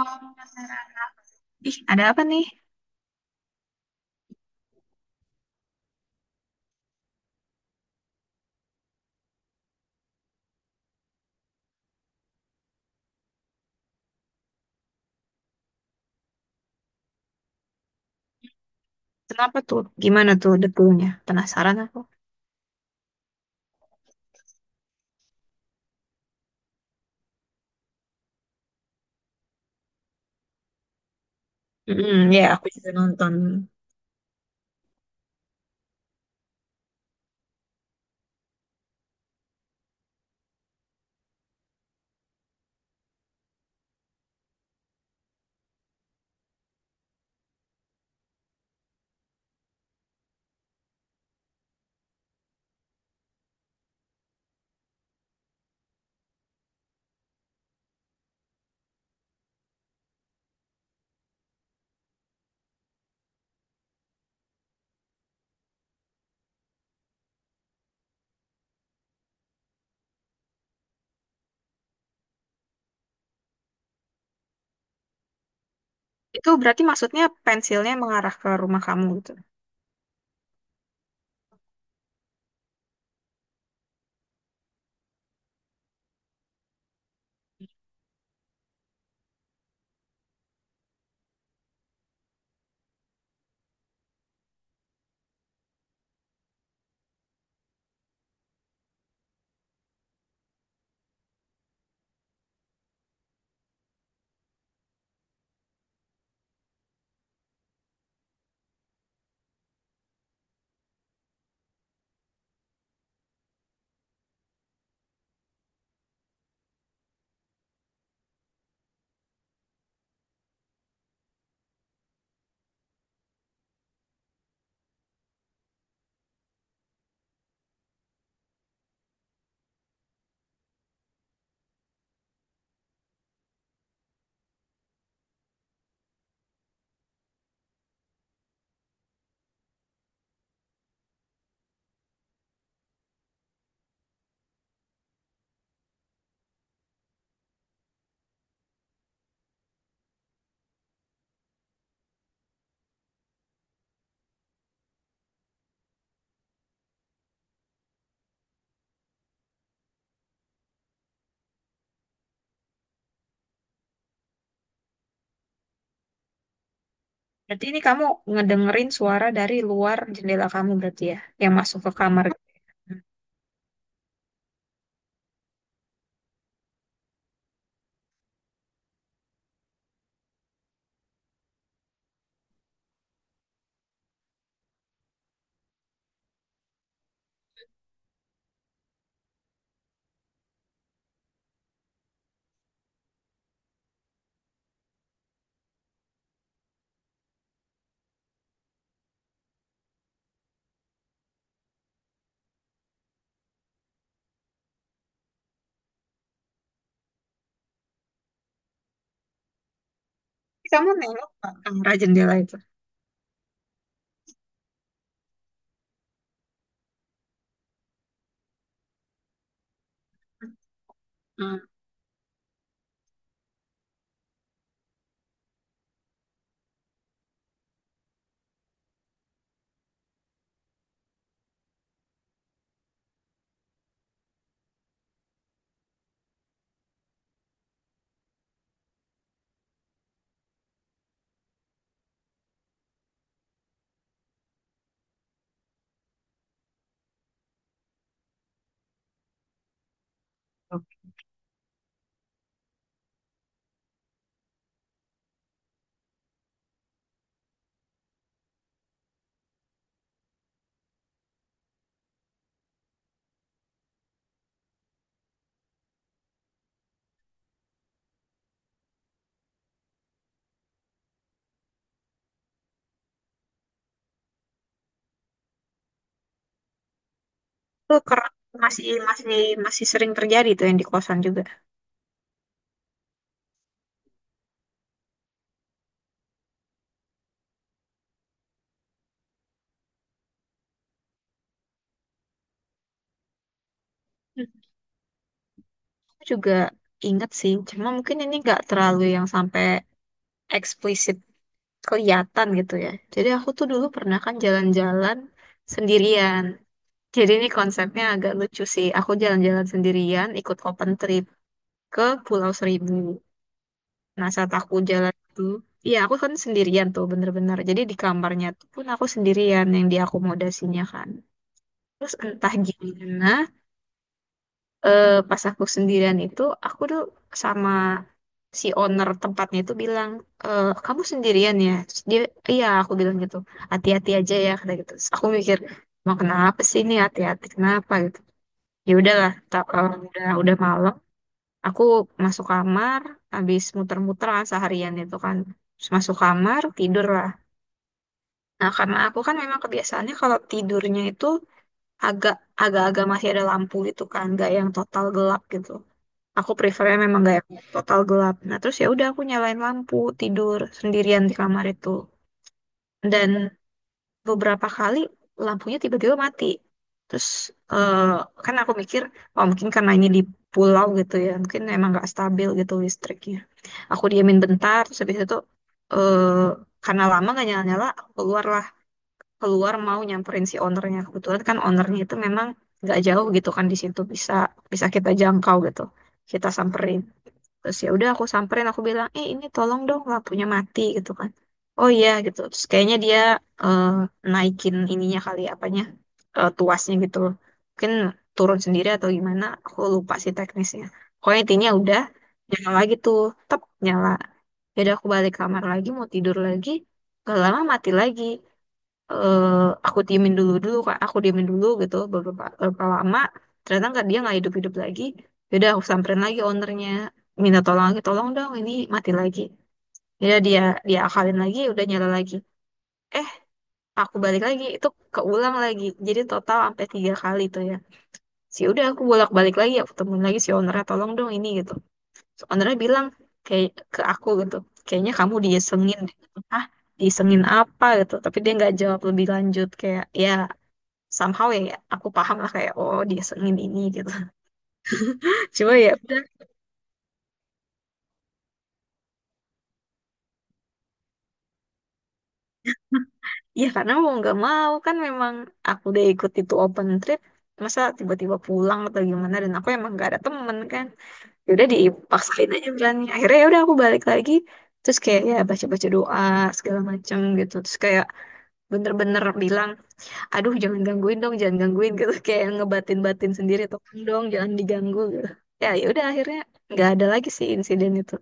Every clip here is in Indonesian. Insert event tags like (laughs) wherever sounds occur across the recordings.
Oh, penasaran. Ih, ada apa nih? Kenapa tuh? Gimana tuh detailnya? Penasaran aku. Ya aku juga nonton. Itu berarti maksudnya pensilnya mengarah ke rumah kamu gitu. Berarti ini kamu ngedengerin suara dari luar jendela kamu berarti ya, yang masuk ke kamar. Hmm. Kamu nengok nggak ke arah jendela itu? Hmm. Oke. Itu ker masih masih masih sering terjadi tuh yang di kosan juga. Hmm. Aku juga inget sih, cuma mungkin ini nggak terlalu yang sampai eksplisit kelihatan gitu ya. Jadi aku tuh dulu pernah kan jalan-jalan sendirian. Jadi ini konsepnya agak lucu sih. Aku jalan-jalan sendirian, ikut open trip ke Pulau Seribu. Nah, saat aku jalan itu, iya aku kan sendirian tuh bener-bener. Jadi di kamarnya tuh pun aku sendirian yang diakomodasinya kan. Terus entah gimana, pas aku sendirian itu aku tuh sama si owner tempatnya itu bilang, "Eh, kamu sendirian ya?" Terus dia, iya aku bilang gitu, hati-hati aja ya kata gitu. Terus aku mikir, mau kenapa sih ini, hati-hati kenapa gitu. Ya udahlah, udah malam, aku masuk kamar, habis muter-muter kan seharian itu kan. Terus masuk kamar tidur lah. Nah, karena aku kan memang kebiasaannya kalau tidurnya itu agak agak-agak masih ada lampu gitu kan, nggak yang total gelap gitu. Aku prefernya memang gak yang total gelap. Nah, terus ya udah aku nyalain lampu tidur sendirian di kamar itu. Dan beberapa kali lampunya tiba-tiba mati. Terus eh, kan aku mikir, oh mungkin karena ini di pulau gitu ya, mungkin emang gak stabil gitu listriknya. Aku diamin bentar, terus habis itu eh, karena lama gak nyala-nyala, aku keluar lah. Keluar mau nyamperin si ownernya. Kebetulan kan ownernya itu memang gak jauh gitu kan, di situ bisa bisa kita jangkau gitu. Kita samperin, terus ya udah aku samperin, aku bilang, "Eh ini tolong dong lampunya mati gitu kan." Oh iya gitu, terus kayaknya dia eh, naikin ininya kali, apanya, tuasnya gitu loh, mungkin turun sendiri atau gimana, aku lupa sih teknisnya. Pokoknya intinya udah nyala lagi tuh, tep, nyala. Jadi aku balik kamar lagi mau tidur lagi, gak lama mati lagi. eh aku diemin dulu, kak, aku diemin dulu gitu beberapa lama, ternyata nggak, dia nggak hidup hidup lagi. Yaudah aku samperin lagi ownernya, minta tolong lagi, tolong dong ini mati lagi. Ya dia dia akalin lagi, udah nyala lagi. eh aku balik lagi itu, keulang lagi. Jadi total sampai tiga kali tuh ya sih. Udah aku bolak balik lagi, aku temuin lagi si ownernya, tolong dong ini gitu. So, ownernya bilang kayak ke aku gitu, "Kayaknya kamu diisengin deh." Ah, diisengin apa gitu, tapi dia nggak jawab lebih lanjut, kayak ya somehow ya, ya aku paham lah kayak oh dia sering ini gitu. (laughs) Cuma ya udah. Ya karena mau nggak mau kan memang aku udah ikut itu open trip, masa tiba-tiba pulang atau gimana, dan aku emang nggak ada temen kan. Ya udah dipaksain aja berani, akhirnya ya udah aku balik lagi, terus kayak ya baca-baca doa segala macem gitu, terus kayak bener-bener bilang, aduh jangan gangguin dong, jangan gangguin gitu. (laughs) Kayak ngebatin-batin sendiri, tolong dong jangan diganggu gitu. Ya udah akhirnya nggak ada lagi sih insiden itu.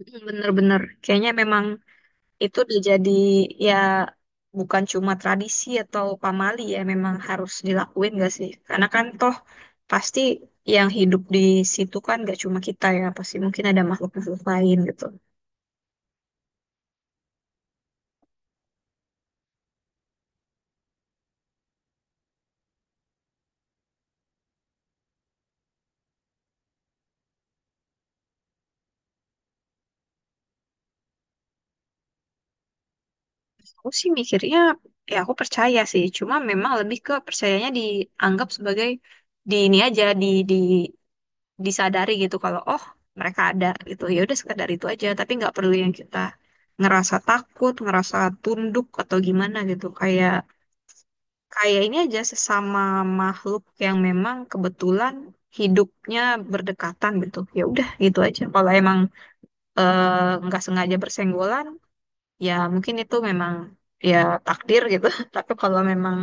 Mm, bener-bener, kayaknya memang itu udah jadi, ya, bukan cuma tradisi atau pamali ya, memang harus dilakuin gak sih? Karena kan toh pasti yang hidup di situ kan gak cuma kita ya, pasti mungkin ada makhluk-makhluk lain gitu. Aku sih mikirnya ya aku percaya sih, cuma memang lebih ke percayanya dianggap sebagai di ini aja, di disadari gitu kalau oh mereka ada gitu, ya udah sekedar itu aja, tapi nggak perlu yang kita ngerasa takut, ngerasa tunduk atau gimana gitu. Kayak kayak ini aja sesama makhluk yang memang kebetulan hidupnya berdekatan gitu. Ya udah gitu aja. Kalau emang nggak sengaja bersenggolan, ya mungkin itu memang ya takdir gitu. (laughs) Tapi kalau memang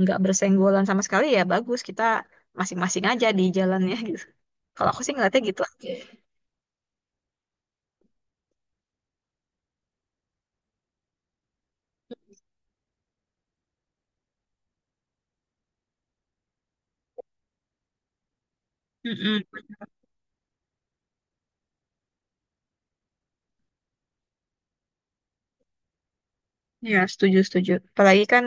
nggak bersenggolan sama sekali, ya bagus kita masing-masing aja di jalannya gitu. Kalau aku sih ngeliatnya gitu aja. Mm-mm. Ya, setuju, setuju. Apalagi kan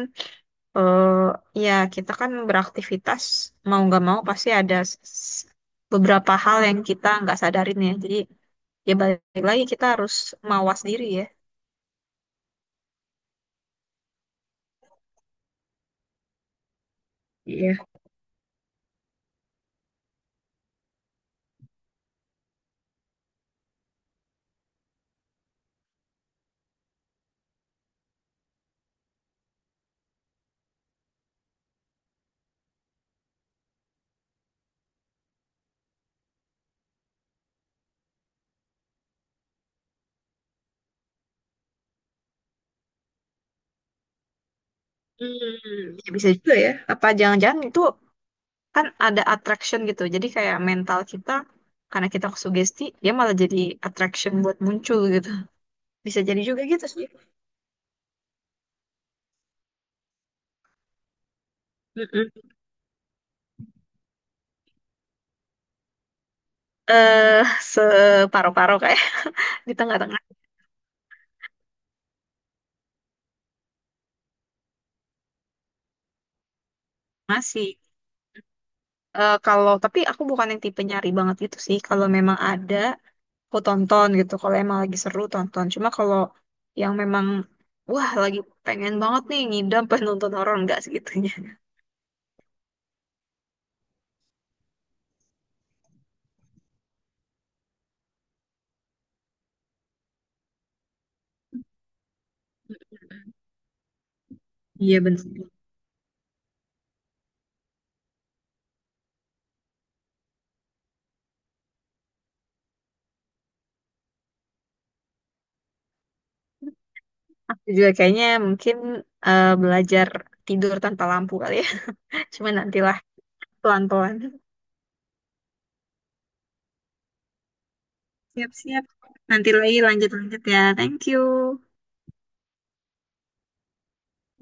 eh, ya kita kan beraktivitas mau nggak mau pasti ada beberapa hal yang kita nggak sadarin ya. Jadi ya balik lagi kita harus mawas diri ya. Iya. Ya bisa juga ya. Apa jangan-jangan itu kan ada attraction gitu. Jadi kayak mental kita, karena kita sugesti dia, malah jadi attraction buat muncul gitu. Bisa jadi juga gitu sih. Mm-mm. Eh, Separo-paro kayak (laughs) di tengah-tengah, masih. Kalau tapi aku bukan yang tipe nyari banget gitu sih. Kalau memang ada, aku tonton gitu. Kalau emang lagi seru, tonton. Cuma kalau yang memang wah lagi pengen banget nih, ngidam (laughs) pengen nonton horor, nggak segitunya. (laughs) Iya bener. Aku juga kayaknya mungkin belajar tidur tanpa lampu kali ya. (laughs) Cuma nantilah, pelan-pelan. Siap-siap. Nanti lagi lanjut-lanjut ya. Thank you.